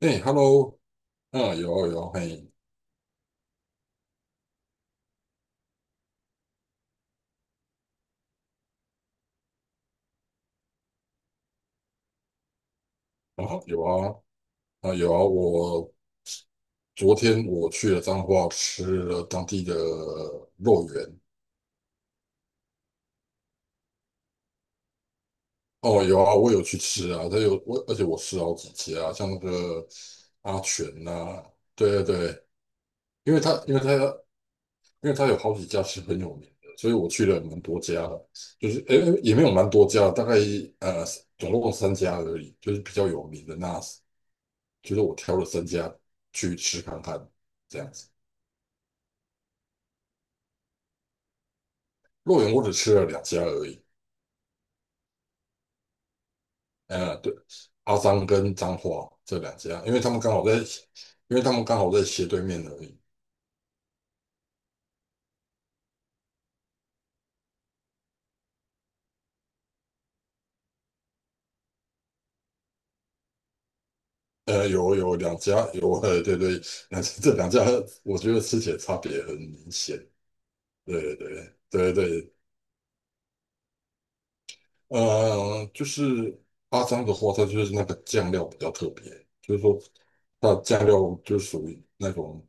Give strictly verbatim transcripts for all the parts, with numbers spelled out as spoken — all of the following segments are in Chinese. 哎，Hello，啊，有啊有啊，嘿。啊有啊啊有啊，我昨天我去了彰化，吃了当地的肉圆。哦，有啊，我有去吃啊，这有我，而且我吃了好几家，像那个阿全呐，对对对，因为他因为他因为他有好几家是很有名的，所以我去了蛮多家的，就是诶、诶也没有蛮多家，大概呃总共三家而已，就是比较有名的，那就是我挑了三家去吃看看，这样子。洛阳我只吃了两家而已，呃，对，阿张跟彰化这两家，因为他们刚好在，因为他们刚好在斜对面而已。呃，有有两家有，呃，对对，两家 这两家我觉得吃起来差别很明显。对对对对，呃，就是阿张的话，它就是那个酱料比较特别，就是说它的酱料就是属于那种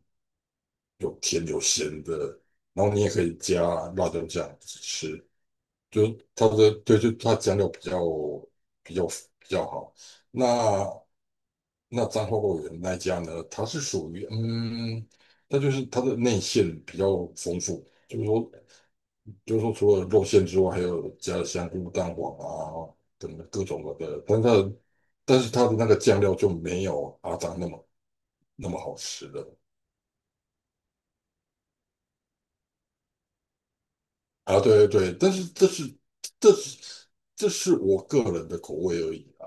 有甜有咸的，然后你也可以加辣椒酱吃，就是它的，对，就它酱料比较比较比较好。那那彰花果园那一家呢，它是属于嗯，它就是它的内馅比较丰富，就是说就是说除了肉馅之外，还有加了香菇、蛋黄啊等各种的，但是它的但是它的那个酱料就没有阿张那么那么好吃的。啊，对对对，但是这是这是这是我个人的口味而已啊。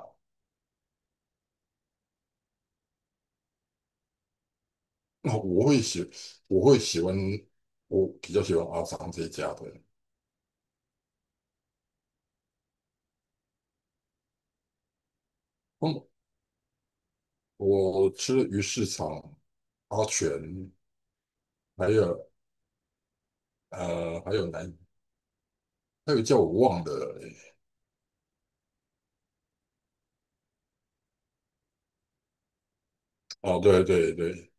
那我会喜我会喜欢我比较喜欢阿桑这一家的。嗯，我吃了鱼市场、阿全，还有呃还有南，还有叫我忘的。哦，对对对，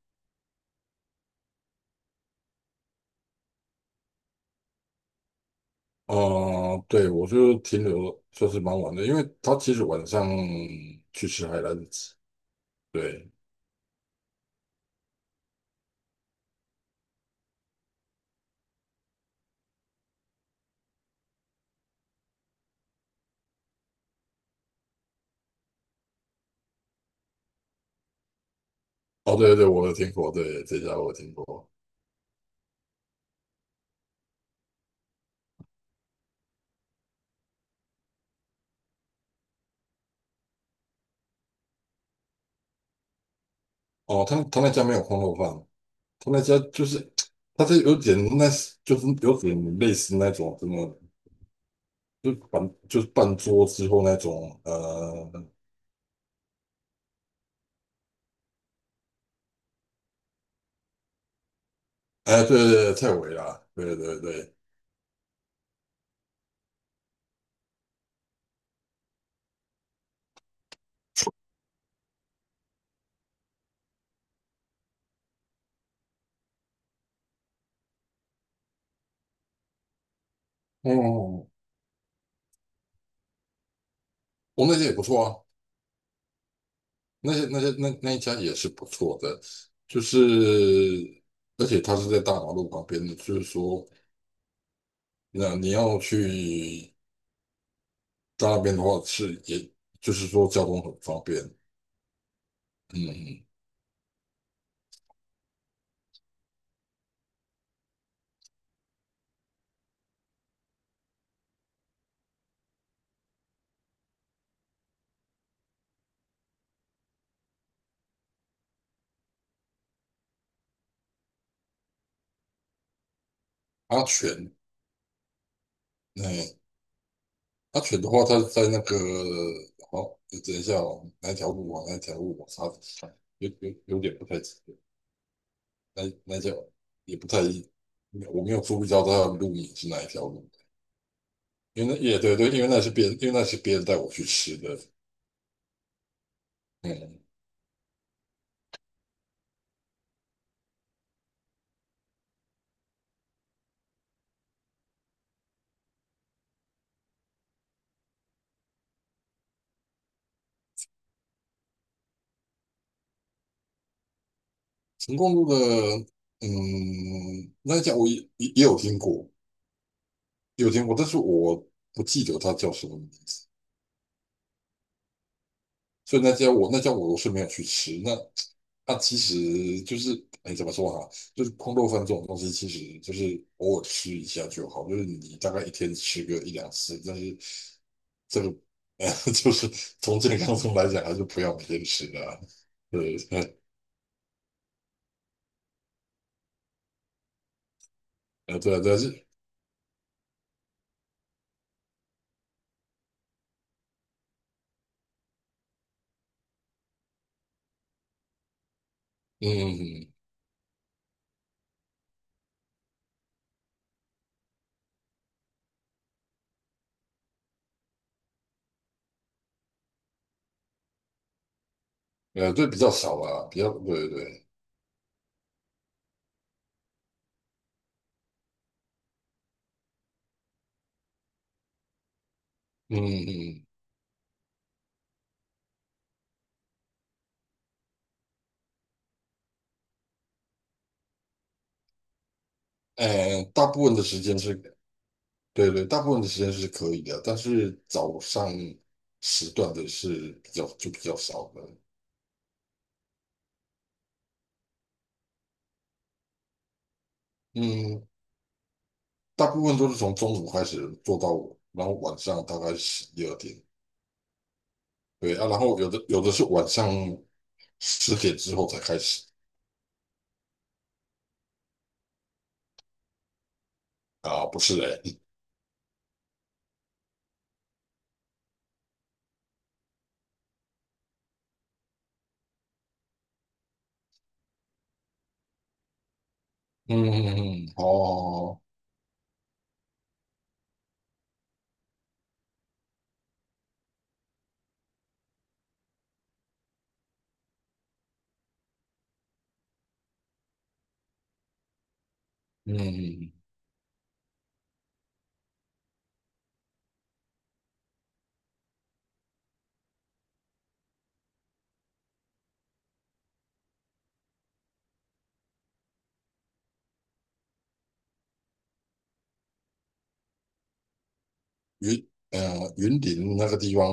呃，对，我就停留算是蛮晚的，因为他其实晚上去吃海南子，对。哦对对，我有听过，对，这家我有听过。哦，他他那家没有空肉饭，他那家就是，他这有点，那就是有点类似那种什么，就半就是半桌之后那种，呃。哎，对对对，蔡伟啦，对对对。哦，我那家也不错啊，那些那些那那一家也是不错的，就是而且他是在大马路旁边的，就是说，那你要去到那边的话是，也就是说交通很方便，嗯，安全。哎，阿犬的话，它在那个，好，等一下哦，哪一条路啊？哪一条路我查，有有有点不太记得，那那条也不太，我没有注意到它的路名是哪一条路，因为那也对对，因为那是别人，因为那是别人带我去吃的。嗯，成功路的，嗯，那一家我也也也有听过，也有听过，但是我不记得它叫什么名字，所以那家我那家我是没有去吃。那那其实就是，哎，怎么说哈？就是空豆饭这种东西，其实就是偶尔吃一下就好，就是你大概一天吃个一两次，但是这个，呃，就是从健康上来讲，还是不要每天吃的啊。对，呃，对啊，但是，嗯，嗯嗯呃，对，比较少啊，比较，对对，嗯嗯，呃，大部分的时间是，对对，大部分的时间是可以的，但是早上时段的是比较就比较少的。嗯，大部分都是从中午开始做到，然后晚上大概十一、十二点。对啊，然后有的有的是晚上十点之后才开始。啊，不是，哎、欸，嗯嗯嗯，哦，嗯，云呃云林那个地方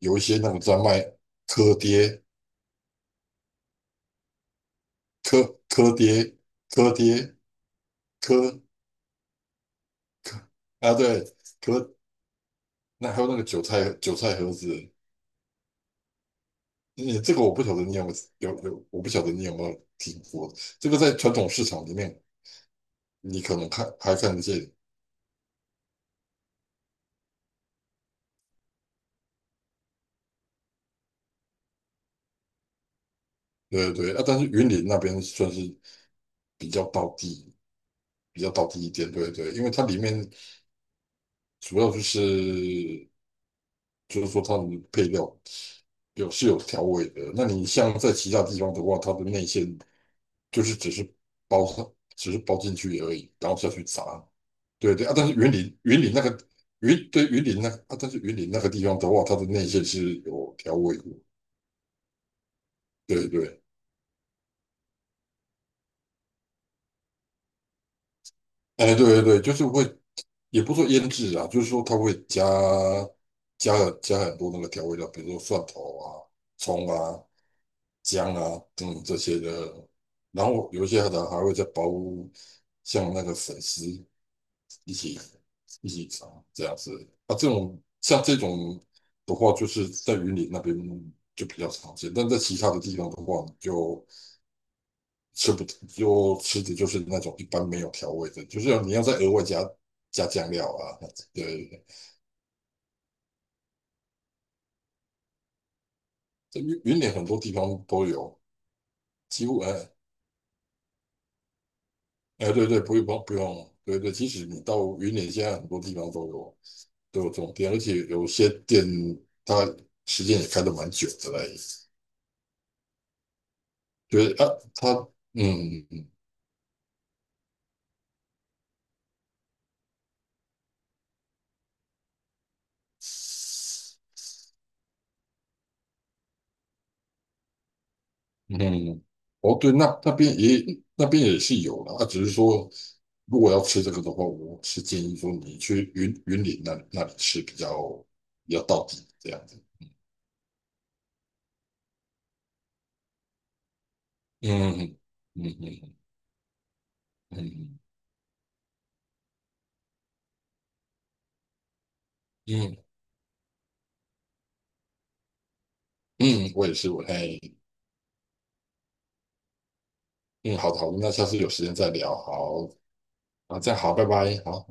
有一些那个在卖柯爹、蚵蚵爹、蚵爹、蚵蚵，啊，对，蚵，那还有那个韭菜韭菜盒子，你这个我不晓得你有没有，有，有，我不晓得你有没有听过。这个在传统市场里面，你可能看还看得见，对对对啊。但是云林那边算是比较道地，比较道地一点，对对。因为它里面主要就是，就是说它的配料有是有调味的。那你像在其他地方的话，它的内馅就是只是包上，只是包进去而已，然后下去炸。对对啊，但是云林云林那个云对云林那个啊，但是云林那个地方的话，它的内馅是有调味的，对对。哎，对对对，就是会，也不说腌制啊，就是说它会加，加加很多那个调味料，比如说蒜头啊、葱啊、姜啊等等这些的，然后有一些的还会再包，像那个粉丝一起一起找，这样子。啊，这种，像这种的话，就是在云岭那边就比较常见，但在其他的地方的话，你就吃不就吃的就是那种一般没有调味的，就是你要再额外加加酱料啊。对对对，这云云岭很多地方都有，几乎，哎，哎，对对，不用不用，对对，即使你到云岭，现在很多地方都有都有这种店，而且有些店它时间也开得蛮久的嘞。觉得啊，他嗯嗯嗯。哦对，那那边也那边也是有的啊，只是说如果要吃这个的话，我是建议说你去云云林那那里吃比较比较到底，这样子。嗯嗯嗯，嗯嗯嗯，嗯，我也是，我，哎，嗯，好的好的，那下次有时间再聊，好。啊，这样好，拜拜，好。